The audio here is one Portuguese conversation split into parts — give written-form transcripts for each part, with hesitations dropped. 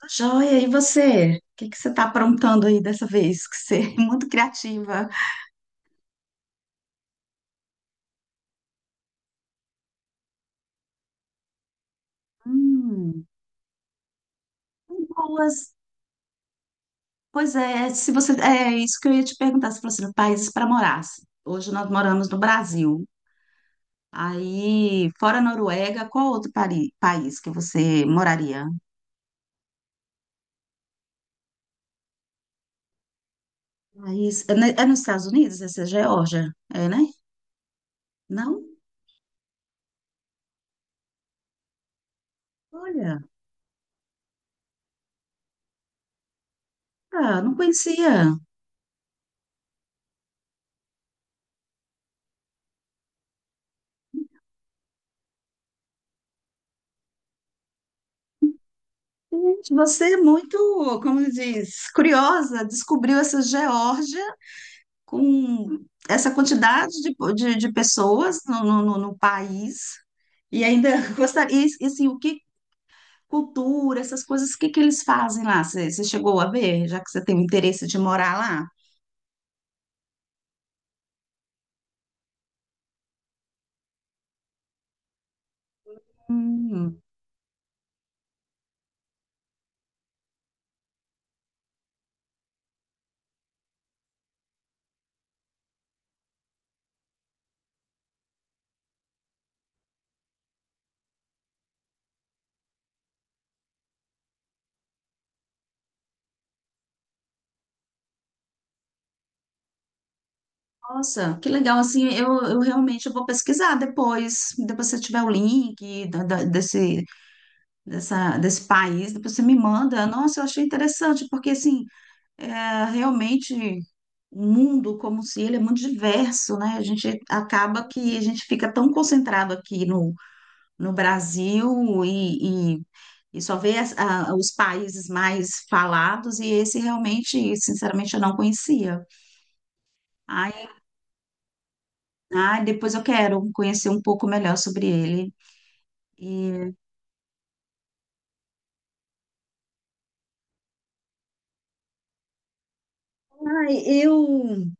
Tá joia, e você? O que que você está aprontando aí dessa vez? Que você é muito criativa. Hum, boas. Pois é, se você é isso que eu ia te perguntar, se fosse países para morar. Assim, hoje nós moramos no Brasil. Aí, fora a Noruega, qual país que você moraria? País, é, é nos Estados Unidos, essa é Geórgia, é, né? Não? Olha, ah, não conhecia. Gente, você é muito, como diz, curiosa, descobriu essa Geórgia. Com essa quantidade de pessoas no país e ainda gostaria, assim, o que cultura, essas coisas, o que que eles fazem lá? Você chegou a ver, já que você tem o interesse de morar lá? Hum, nossa, que legal, assim, eu realmente vou pesquisar depois, depois se tiver o link desse, desse país, depois você me manda. Nossa, eu achei interessante, porque assim, é, realmente o mundo como se ele é muito diverso, né? A gente acaba que a gente fica tão concentrado aqui no, no Brasil e só vê os países mais falados, e esse realmente, sinceramente, eu não conhecia. Ai, ai, depois eu quero conhecer um pouco melhor sobre ele. E, ai, eu,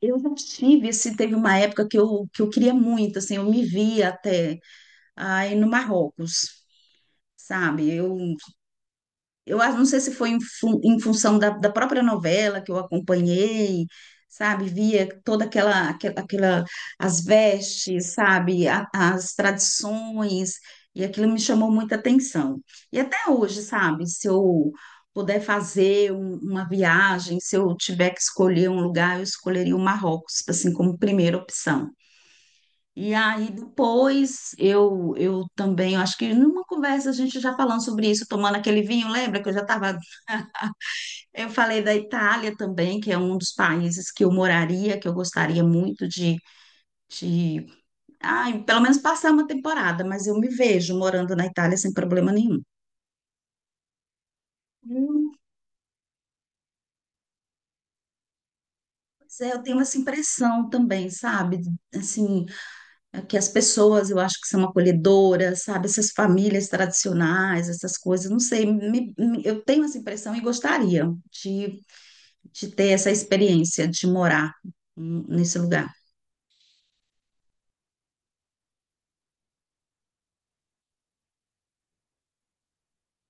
eu já tive, assim, teve uma época que que eu queria muito, assim, eu me via até ai, no Marrocos, sabe? Não sei se foi em, em função da, da própria novela que eu acompanhei, sabe? Via toda aquela, as vestes, sabe? As tradições, e aquilo me chamou muita atenção. E até hoje, sabe? Se eu puder fazer uma viagem, se eu tiver que escolher um lugar, eu escolheria o Marrocos, assim, como primeira opção. E aí depois eu também, eu acho que numa conversa a gente já falando sobre isso, tomando aquele vinho, lembra que eu já estava eu falei da Itália também, que é um dos países que eu moraria, que eu gostaria muito de... Ai, pelo menos passar uma temporada, mas eu me vejo morando na Itália sem problema nenhum. Hum, pois é, eu tenho essa impressão também, sabe? Assim, é que as pessoas eu acho que são acolhedoras, sabe? Essas famílias tradicionais, essas coisas, não sei, eu tenho essa impressão e gostaria de, de ter essa experiência de morar nesse lugar.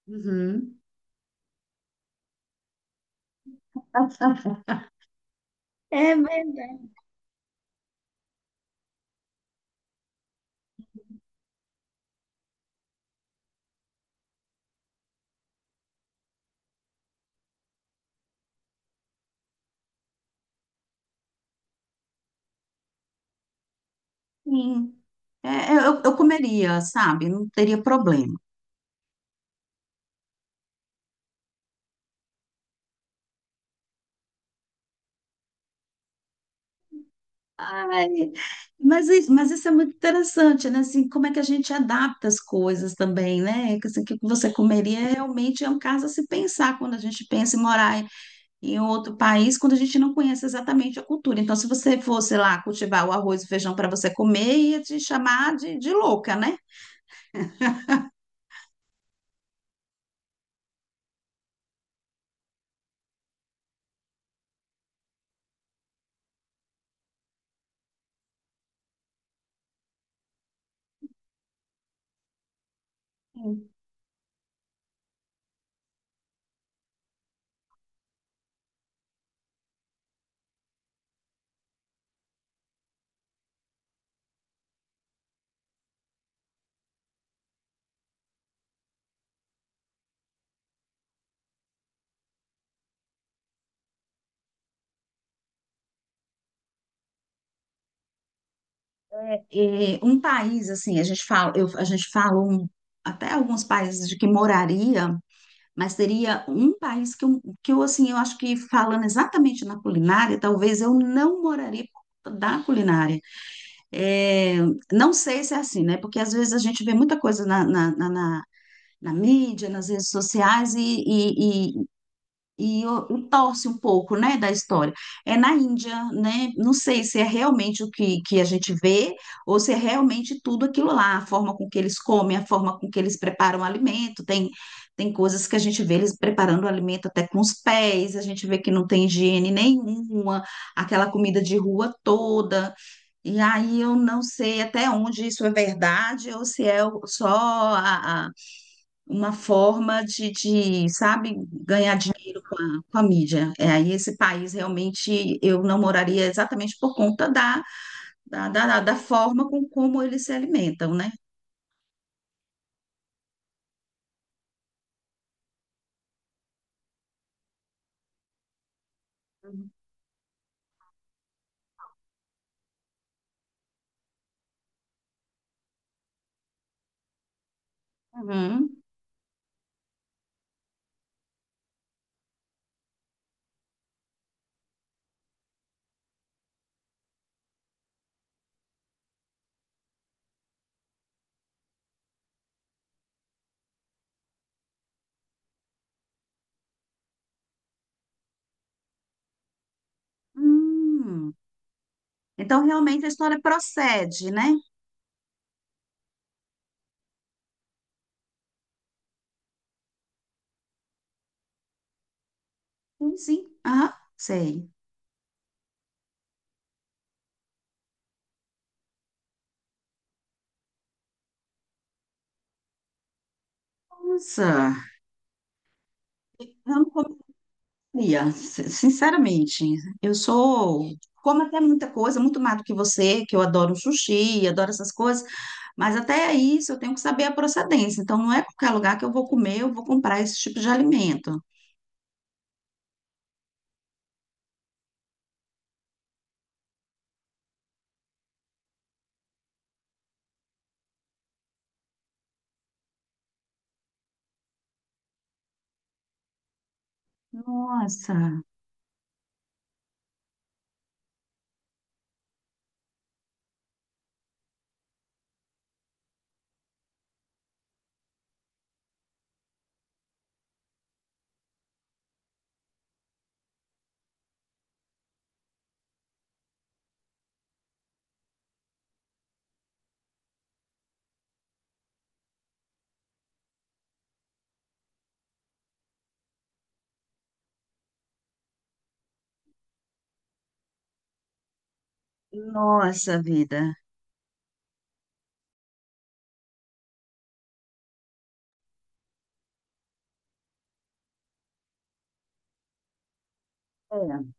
Uhum. É verdade. Sim. É, é, eu comeria, sabe? Não teria problema. Ai, mas isso é muito interessante, né? Assim, como é que a gente adapta as coisas também, né? Que, assim, o que você comeria realmente é um caso a se pensar quando a gente pensa em morar em outro país, quando a gente não conhece exatamente a cultura. Então, se você fosse lá cultivar o arroz e o feijão para você comer, ia te chamar de louca, né? Sim. É, um país assim, a gente fala, eu, a gente fala até alguns países de que moraria. Mas seria um país que eu, assim, eu acho que falando exatamente na culinária, talvez eu não moraria por conta da culinária. É, não sei se é assim, né? Porque às vezes a gente vê muita coisa na mídia, nas redes sociais, e, e torce um pouco, né, da história. É na Índia, né? Não sei se é realmente o que, que a gente vê ou se é realmente tudo aquilo lá, a forma com que eles comem, a forma com que eles preparam o alimento. Tem, tem coisas que a gente vê eles preparando o alimento até com os pés, a gente vê que não tem higiene nenhuma, aquela comida de rua toda. E aí eu não sei até onde isso é verdade ou se é só uma forma sabe, ganhar dinheiro com a mídia. É, aí esse país realmente eu não moraria exatamente por conta da forma com como eles se alimentam, né? Uhum. Hum. Então realmente a história procede, né? Sim, sim. Ah, sei. Nossa, eu não Lia, sinceramente, eu sou, como até muita coisa, muito mais do que você, que eu adoro sushi, adoro essas coisas, mas até isso eu tenho que saber a procedência. Então, não é qualquer lugar que eu vou comer, eu vou comprar esse tipo de alimento. Nossa, nossa vida. É,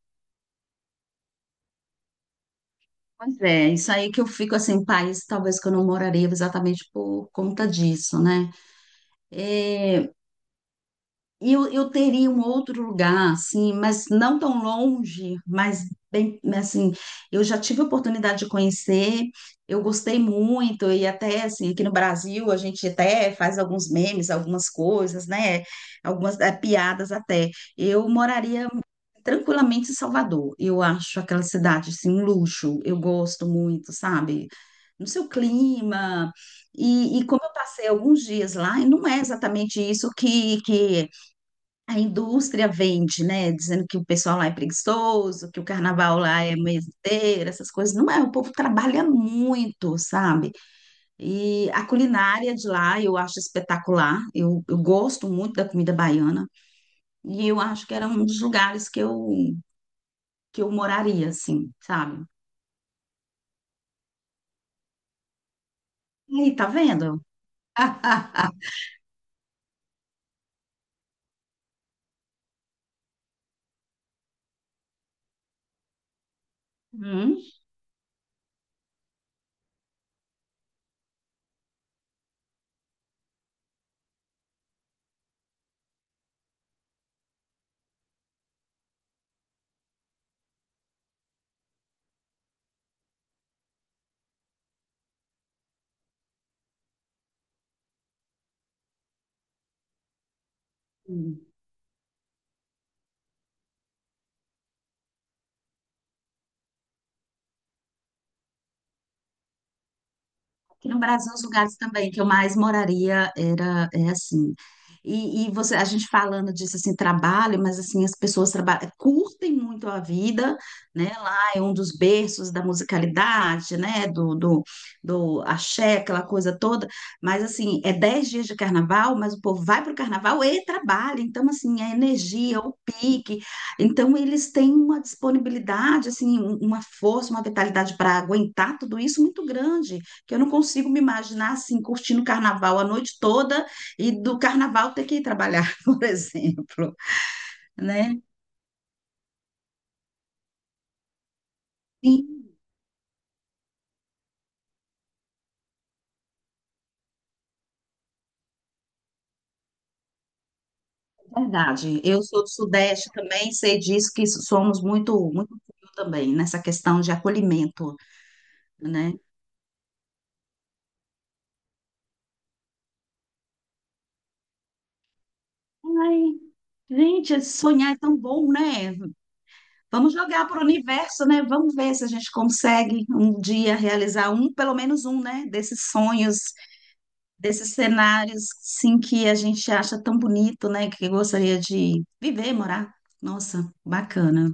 pois é, isso aí que eu fico assim, país, talvez que eu não moraria exatamente por conta disso, né? É, eu teria um outro lugar, assim, mas não tão longe, mas bem, assim, eu já tive a oportunidade de conhecer, eu gostei muito, e até, assim, aqui no Brasil a gente até faz alguns memes, algumas coisas, né? Algumas piadas até. Eu moraria tranquilamente em Salvador, eu acho aquela cidade, assim, um luxo, eu gosto muito, sabe? No seu clima. E como eu passei alguns dias lá, e não é exatamente isso que a indústria vende, né? Dizendo que o pessoal lá é preguiçoso, que o carnaval lá é meseteiro, essas coisas. Não é, o povo trabalha muito, sabe? E a culinária de lá eu acho espetacular. Eu gosto muito da comida baiana. E eu acho que era um dos lugares que eu moraria, assim, sabe? E aí, tá vendo? Hum? Aqui no Brasil, os lugares também que eu mais moraria era é assim. E você, a gente falando disso assim, trabalho, mas assim, as pessoas trabalham, curtem muito a vida, né? Lá é um dos berços da musicalidade, né? Do axé, aquela coisa toda. Mas assim, é 10 dias de carnaval, mas o povo vai para o carnaval e trabalha. Então, assim, a energia, o pique. Então, eles têm uma disponibilidade, assim, uma força, uma vitalidade para aguentar tudo isso muito grande. Que eu não consigo me imaginar assim, curtindo carnaval a noite toda e do carnaval ter que ir trabalhar, por exemplo, né? Sim, verdade. Eu sou do Sudeste também, sei disso que somos muito, muito frio também nessa questão de acolhimento, né? Ai, gente, sonhar é tão bom, né? Vamos jogar para o universo, né? Vamos ver se a gente consegue um dia realizar um, pelo menos um, né? Desses sonhos desses cenários, sim, que a gente acha tão bonito, né? Que gostaria de viver, morar. Nossa, bacana.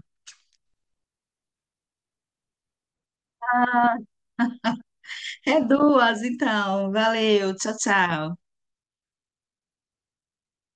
É duas, então. Valeu, tchau, tchau.